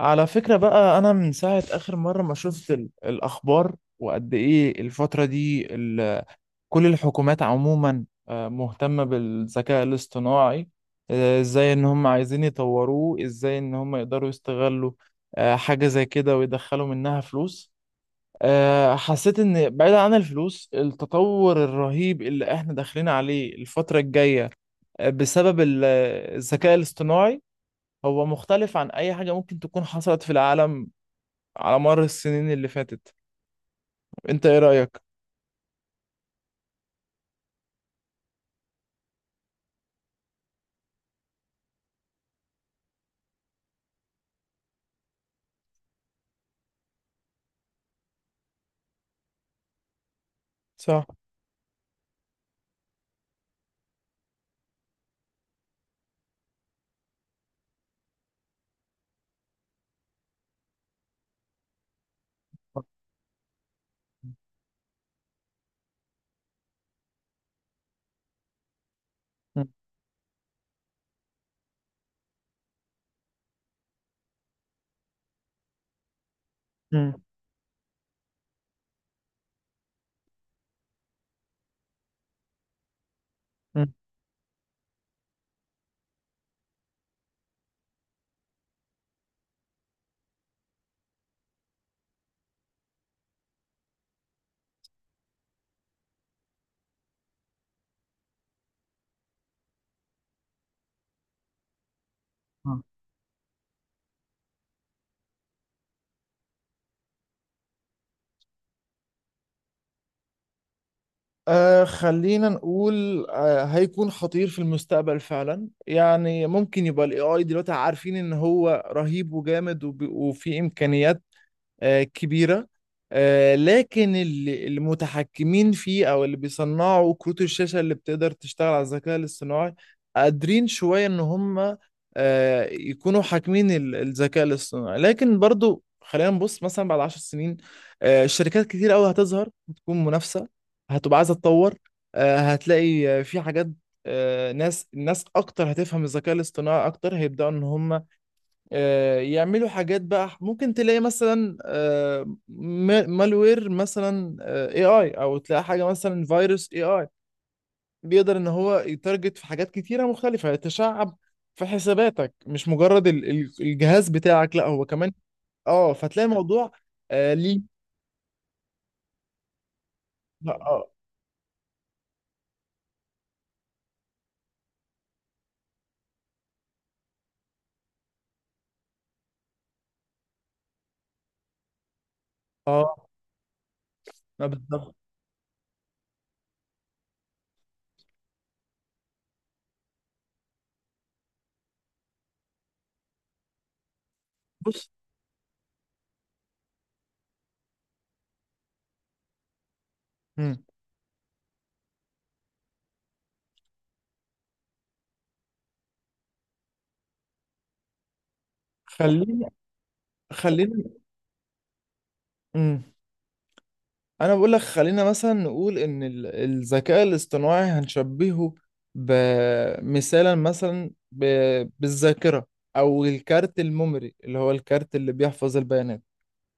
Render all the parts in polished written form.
على فكرة بقى، أنا من ساعة آخر مرة ما شفت الأخبار وقد إيه الفترة دي كل الحكومات عموما مهتمة بالذكاء الاصطناعي. إزاي إن هم عايزين يطوروه، إزاي إن هم يقدروا يستغلوا حاجة زي كده ويدخلوا منها فلوس. حسيت إن بعيدا عن الفلوس التطور الرهيب اللي إحنا داخلين عليه الفترة الجاية بسبب الذكاء الاصطناعي هو مختلف عن أي حاجة ممكن تكون حصلت في العالم على مر السنين اللي فاتت. انت ايه رأيك؟ صح. مم. مم. مم. خلينا نقول هيكون خطير في المستقبل فعلا. يعني ممكن يبقى الاي اي دلوقتي عارفين ان هو رهيب وجامد وفي امكانيات كبيرة. لكن اللي المتحكمين فيه أو اللي بيصنعوا كروت الشاشة اللي بتقدر تشتغل على الذكاء الاصطناعي قادرين شوية إن هم يكونوا حاكمين الذكاء الاصطناعي. لكن برضو خلينا نبص مثلا بعد 10 سنين. شركات كتير قوي هتظهر، هتكون منافسة، هتبقى عايزة تطور. هتلاقي في حاجات. الناس اكتر هتفهم الذكاء الاصطناعي اكتر، هيبداوا ان هم يعملوا حاجات. بقى ممكن تلاقي مثلا مالوير مثلا اي اي، او تلاقي حاجه مثلا فيروس اي اي بيقدر ان هو يتارجت في حاجات كتيره مختلفه، يتشعب في حساباتك، مش مجرد الجهاز بتاعك، لا هو كمان. اه، فتلاقي الموضوع. ليه؟ اه. اه. بالظبط. بص. مم. خليني خليني. مم. انا بقول لك خلينا مثلا نقول ان الذكاء الاصطناعي هنشبهه بمثالا مثلا بالذاكره، او الكارت الميموري اللي هو الكارت اللي بيحفظ البيانات.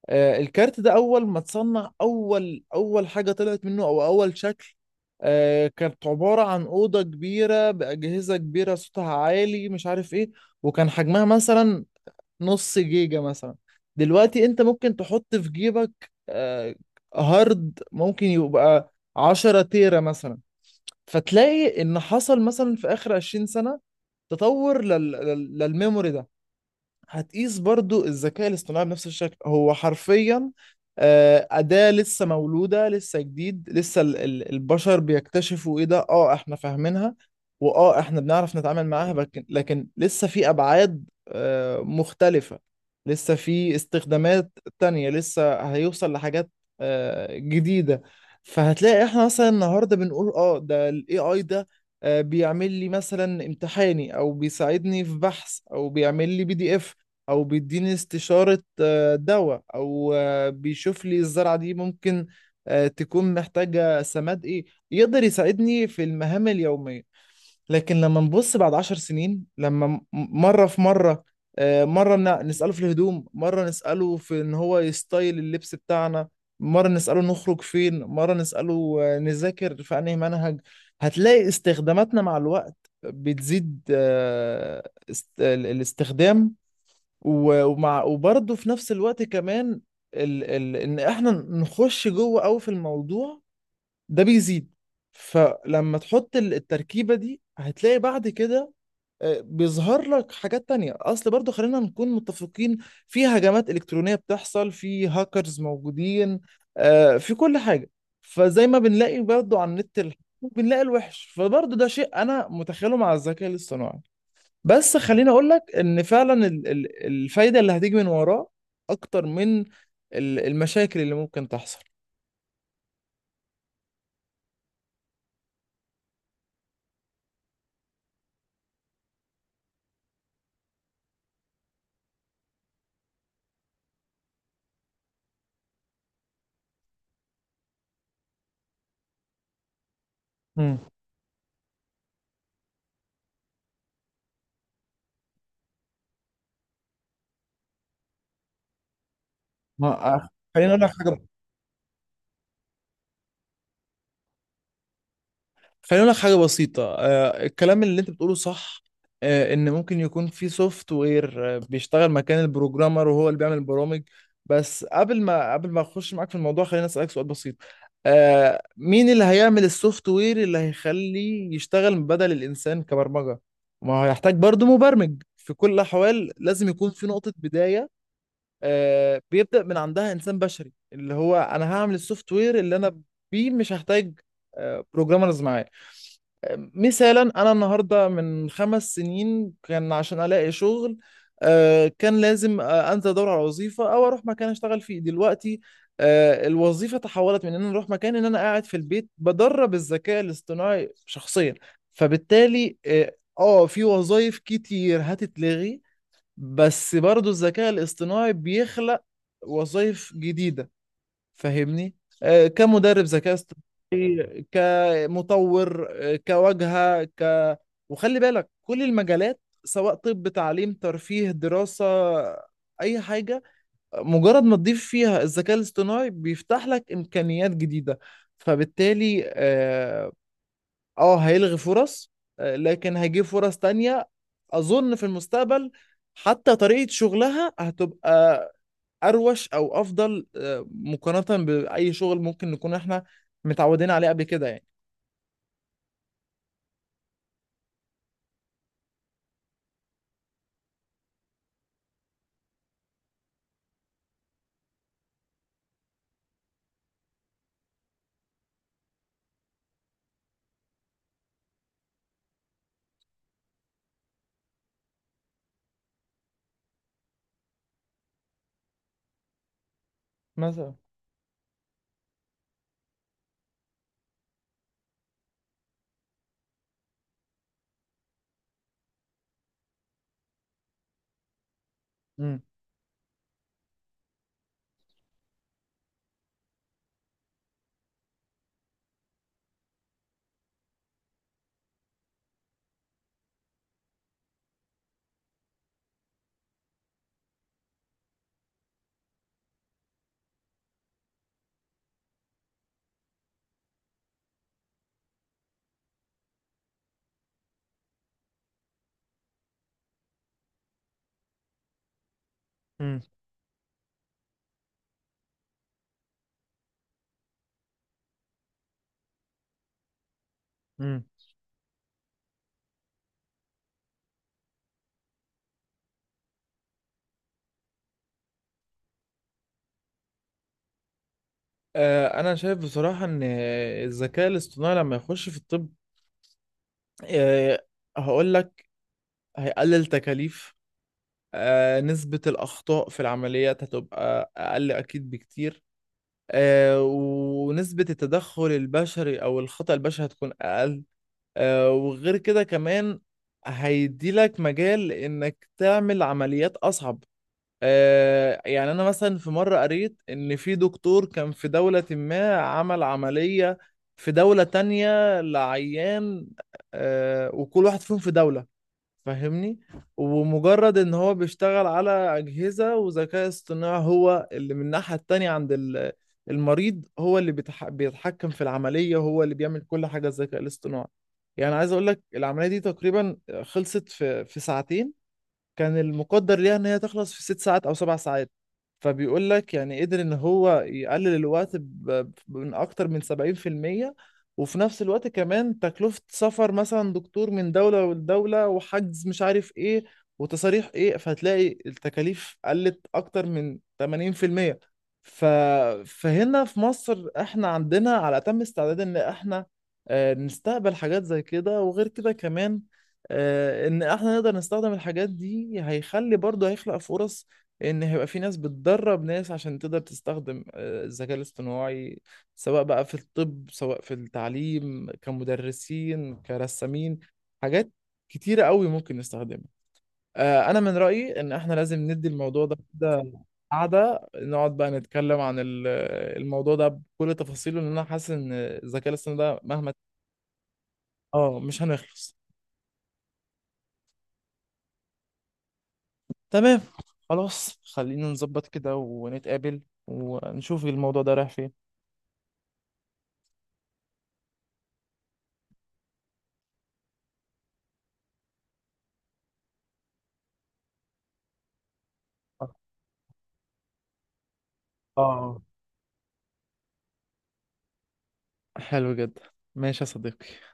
الكارت ده اول ما اتصنع، اول حاجه طلعت منه، او اول شكل. كانت عباره عن اوضه كبيره باجهزه كبيره صوتها عالي، مش عارف ايه، وكان حجمها مثلا نص جيجا مثلا. دلوقتي انت ممكن تحط في جيبك هارد ممكن يبقى 10 تيرا مثلا. فتلاقي ان حصل مثلا في اخر 20 سنة تطور للميموري ده. هتقيس برضو الذكاء الاصطناعي بنفس الشكل. هو حرفيا أداة لسه مولودة، لسه جديد. لسه البشر بيكتشفوا ايه ده. اه احنا فاهمينها، واه احنا بنعرف نتعامل معاها. لكن لسه في أبعاد مختلفة، لسه في استخدامات تانية، لسه هيوصل لحاجات جديدة. فهتلاقي احنا مثلا النهاردة بنقول ده ال AI ده بيعمل لي مثلا امتحاني، او بيساعدني في بحث، او بيعمل لي PDF، او بيديني استشارة دواء، او بيشوف لي الزرعة دي ممكن تكون محتاجة سماد ايه. يقدر يساعدني في المهام اليومية. لكن لما نبص بعد 10 سنين، مرة في مرة، مرة نسأله في الهدوم، مرة نسأله في ان هو يستايل اللبس بتاعنا، مرة نسأله نخرج فين، مرة نسأله نذاكر في انهي منهج. هتلاقي استخداماتنا مع الوقت بتزيد، الاستخدام و- ومع وبرضه في نفس الوقت كمان ان احنا نخش جوه قوي في الموضوع ده بيزيد. فلما تحط التركيبة دي، هتلاقي بعد كده بيظهر لك حاجات تانية. اصل برضه خلينا نكون متفقين، في هجمات الكترونية بتحصل، في هاكرز موجودين في كل حاجة. فزي ما بنلاقي برضه على النت الحلو، بنلاقي الوحش، فبرضه ده شيء انا متخيله مع الذكاء الاصطناعي. بس خليني اقول لك ان فعلا الفايده اللي هتيجي من وراه اكتر من المشاكل اللي ممكن تحصل. امم ما خليني اقول لك حاجه خليني اقول لك حاجه بسيطه. الكلام اللي انت بتقوله صح. ان ممكن يكون في سوفت وير بيشتغل مكان البروجرامر وهو اللي بيعمل البرامج. بس قبل ما اخش معاك في الموضوع، خليني اسالك سؤال بسيط. مين اللي هيعمل السوفت وير اللي هيخليه يشتغل بدل الانسان كبرمجه؟ ما هو هيحتاج برضه مبرمج في كل الاحوال، لازم يكون في نقطه بدايه بيبدا من عندها انسان بشري، اللي هو انا هعمل السوفت وير اللي انا بيه مش هحتاج بروجرامرز معايا. مثالا انا النهارده، من 5 سنين كان عشان الاقي شغل كان لازم انزل ادور على وظيفه او اروح مكان اشتغل فيه. دلوقتي الوظيفه تحولت من ان انا اروح مكان ان انا قاعد في البيت بدرب الذكاء الاصطناعي شخصيا. فبالتالي في وظائف كتير هتتلغي، بس برضو الذكاء الاصطناعي بيخلق وظائف جديدة. فاهمني؟ كمدرب ذكاء اصطناعي، كمطور، كواجهة، وخلي بالك كل المجالات، سواء طب، تعليم، ترفيه، دراسة، أي حاجة، مجرد ما تضيف فيها الذكاء الاصطناعي بيفتح لك إمكانيات جديدة. فبالتالي هيلغي فرص، لكن هيجيب فرص تانية. أظن في المستقبل حتى طريقة شغلها هتبقى اروش او افضل مقارنه باي شغل ممكن نكون احنا متعودين عليه قبل كده. يعني مثلا. مم. مم. مم. انا شايف بصراحه ان الذكاء الاصطناعي لما يخش في الطب آه، هقول لك هيقلل تكاليف. نسبه الاخطاء في العمليات هتبقى اقل اكيد بكتير. ونسبه التدخل البشري او الخطأ البشري هتكون اقل. وغير كده كمان هيديلك مجال انك تعمل عمليات اصعب. يعني انا مثلا في مرة قريت ان في دكتور كان في دولة ما، عمل عملية في دولة تانية لعيان وكل واحد فيهم في دولة. فاهمني؟ ومجرد ان هو بيشتغل على اجهزه وذكاء اصطناعي هو اللي من الناحيه التانيه عند المريض، هو اللي بيتحكم في العمليه، هو اللي بيعمل كل حاجه، الذكاء الاصطناعي. يعني عايز اقول لك العمليه دي تقريبا خلصت في ساعتين. كان المقدر ليها ان هي تخلص في 6 ساعات او 7 ساعات. فبيقول لك يعني قدر ان هو يقلل الوقت من اكتر من 70%. وفي نفس الوقت كمان، تكلفة سفر مثلا دكتور من دولة لدولة، وحجز، مش عارف ايه، وتصاريح ايه، فهتلاقي التكاليف قلت اكتر من 80%. ف... فهنا في مصر احنا عندنا على اتم استعداد ان احنا نستقبل حاجات زي كده. وغير كده كمان ان احنا نقدر نستخدم الحاجات دي هيخلي، برضه هيخلق فرص، ان هيبقى في ناس بتدرب ناس عشان تقدر تستخدم الذكاء الاصطناعي، سواء بقى في الطب، سواء في التعليم، كمدرسين، كرسامين، حاجات كتيرة قوي ممكن نستخدمها. انا من رأيي ان احنا لازم ندي الموضوع ده كده قعدة، نقعد بقى نتكلم عن الموضوع ده بكل تفاصيله، لان انا حاسس ان الذكاء الاصطناعي ده مهما اه مش هنخلص. تمام. خلاص خلينا نظبط كده ونتقابل ونشوف الموضوع ده رايح فين. اه، حلو جدا. ماشي يا صديقي.